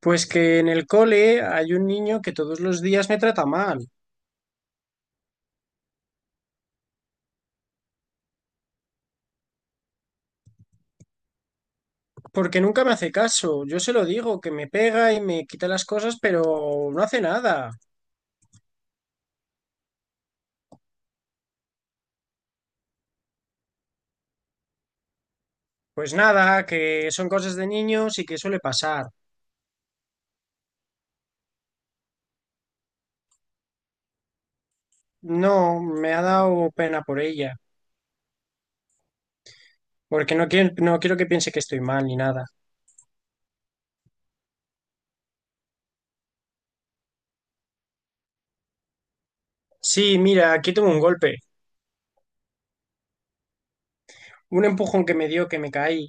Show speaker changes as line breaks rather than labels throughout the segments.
Pues que en el cole hay un niño que todos los días me trata mal, porque nunca me hace caso. Yo se lo digo, que me pega y me quita las cosas, pero no hace nada. Pues nada, que son cosas de niños y que suele pasar. No, me ha dado pena por ella, porque no quiero que piense que estoy mal ni nada. Sí, mira, aquí tengo un golpe, un empujón que me dio que me caí.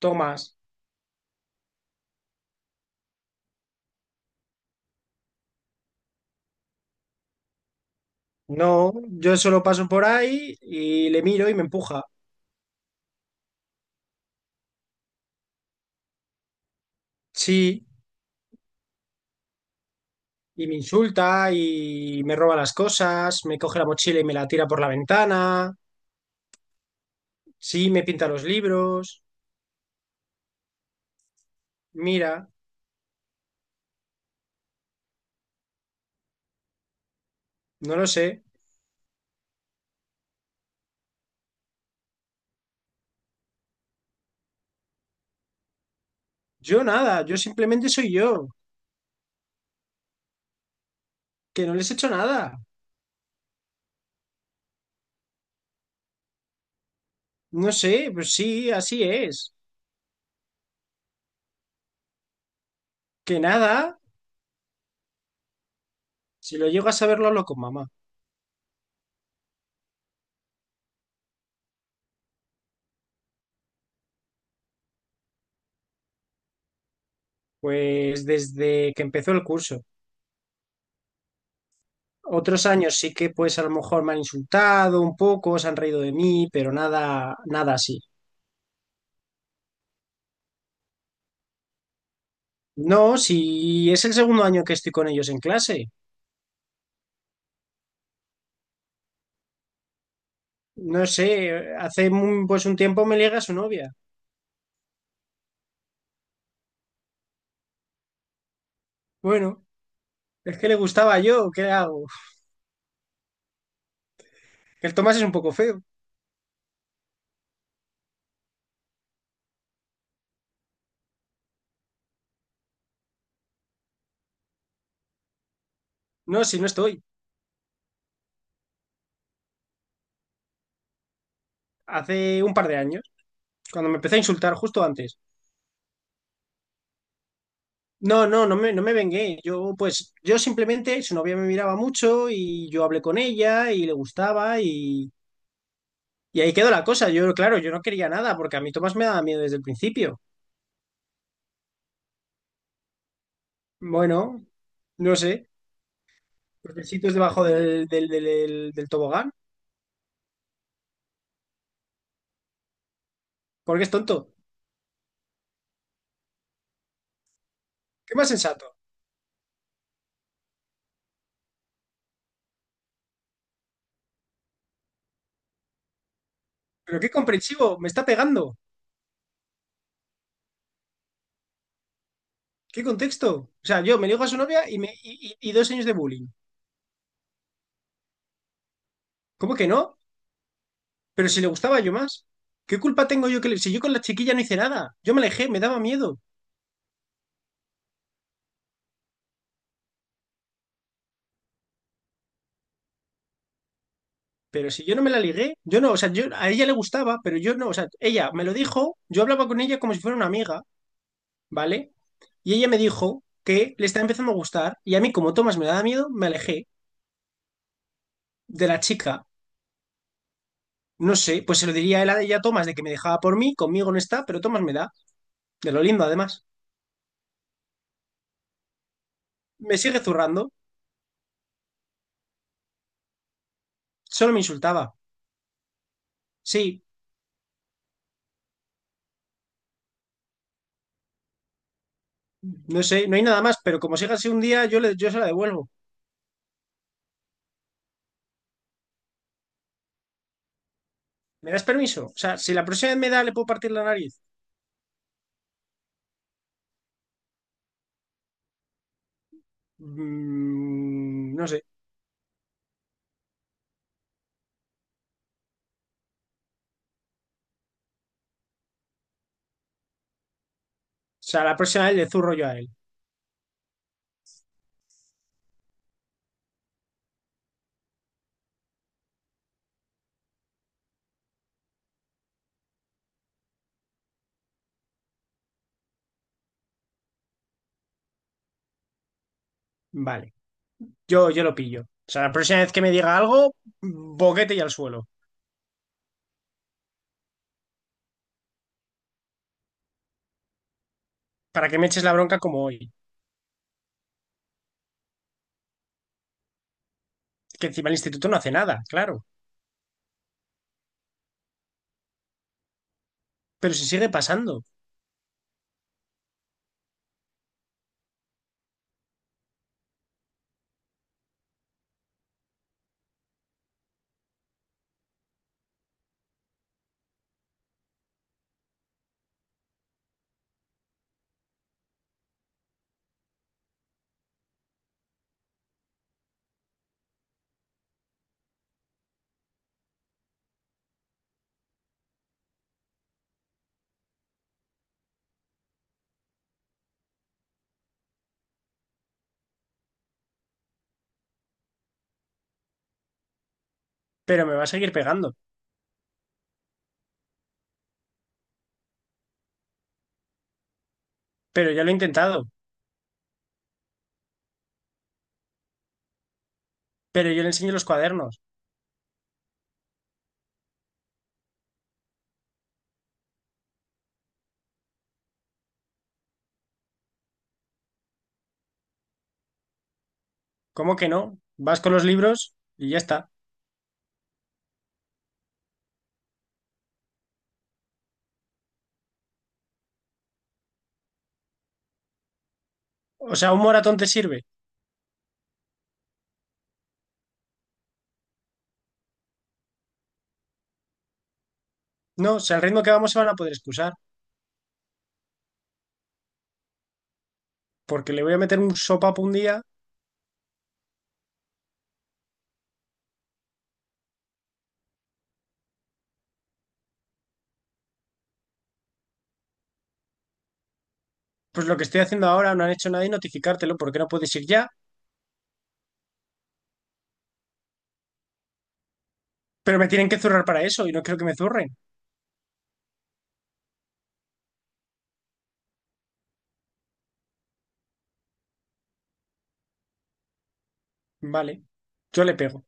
Tomás. No, yo solo paso por ahí y le miro y me empuja. Sí. Y me insulta y me roba las cosas, me coge la mochila y me la tira por la ventana, sí, me pinta los libros, mira, no lo sé. Yo nada, yo simplemente soy yo, que no les he hecho nada. No sé, pues sí, así es. Que nada, si lo llego a saber, lo hablo con mamá. Pues desde que empezó el curso. Otros años sí que pues a lo mejor me han insultado un poco, se han reído de mí, pero nada, nada así. No, si es el segundo año que estoy con ellos en clase. No sé, pues un tiempo me liga su novia. Bueno, es que le gustaba yo, ¿qué hago? El Tomás es un poco feo. No, si no estoy. Hace un par de años, cuando me empecé a insultar justo antes. No, no, no me vengué. Yo, pues, yo simplemente, su novia me miraba mucho y yo hablé con ella y le gustaba y ahí quedó la cosa. Yo, claro, yo no quería nada porque a mí Tomás me daba miedo desde el principio. Bueno, no sé. Los besitos debajo del tobogán, porque es tonto. ¿Qué más sensato? Pero qué comprensivo, me está pegando. ¿Qué contexto? O sea, yo me ligo a su novia y dos años de bullying. ¿Cómo que no? Pero si le gustaba yo más. ¿Qué culpa tengo yo que le... Si yo con la chiquilla no hice nada, yo me alejé, me daba miedo. Pero si yo no me la ligué, yo no, o sea, yo, a ella le gustaba, pero yo no, o sea, ella me lo dijo, yo hablaba con ella como si fuera una amiga, ¿vale? Y ella me dijo que le está empezando a gustar y a mí como Tomás me daba miedo, me alejé de la chica. No sé, pues se lo diría él a ella a Tomás de que me dejaba por mí, conmigo no está, pero Tomás me da, de lo lindo además. Me sigue zurrando. Solo me insultaba. Sí, no sé, no hay nada más, pero como siga así un día, yo se la devuelvo. ¿Me das permiso? O sea, si la próxima vez me da, le puedo partir la nariz. No sé. O sea, la próxima vez le zurro yo a él. Vale, yo lo pillo. O sea, la próxima vez que me diga algo, boquete y al suelo. Para que me eches la bronca como hoy. Que encima el instituto no hace nada, claro. Pero si sigue pasando. Pero me va a seguir pegando. Pero ya lo he intentado. Pero yo le enseño los cuadernos. ¿Cómo que no? Vas con los libros y ya está. O sea, un moratón te sirve. No, o sea, el ritmo que vamos se van a poder excusar, porque le voy a meter un sopapo un día, pues lo que estoy haciendo ahora no han hecho nada y notificártelo, porque no puedes ir ya, pero me tienen que zurrar para eso y no quiero que me zurren. Vale, yo le pego.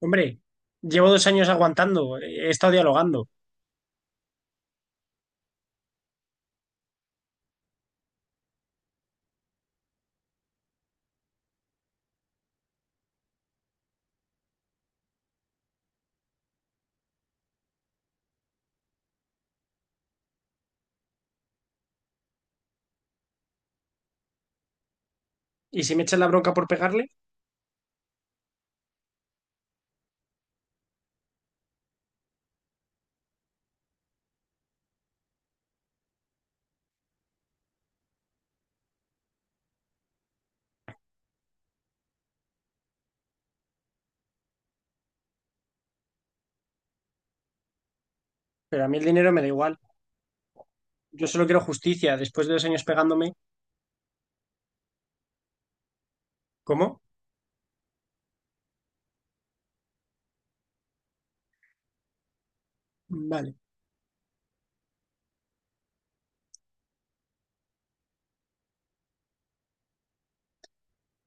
Hombre, llevo 2 años aguantando, he estado dialogando, y si me echan la bronca por pegarle, pero a mí el dinero me da igual. Yo solo quiero justicia, después de 2 años pegándome, ¿cómo? Vale.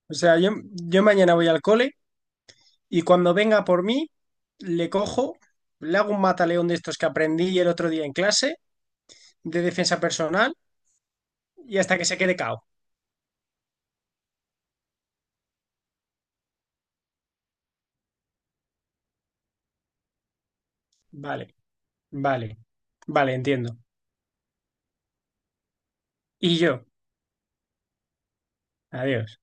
O sea, yo mañana voy al cole. Y cuando venga por mí, le cojo, le hago un mataleón de estos que aprendí el otro día en clase de defensa personal y hasta que se quede cao. Vale, vale, vale, entiendo. Y yo, adiós.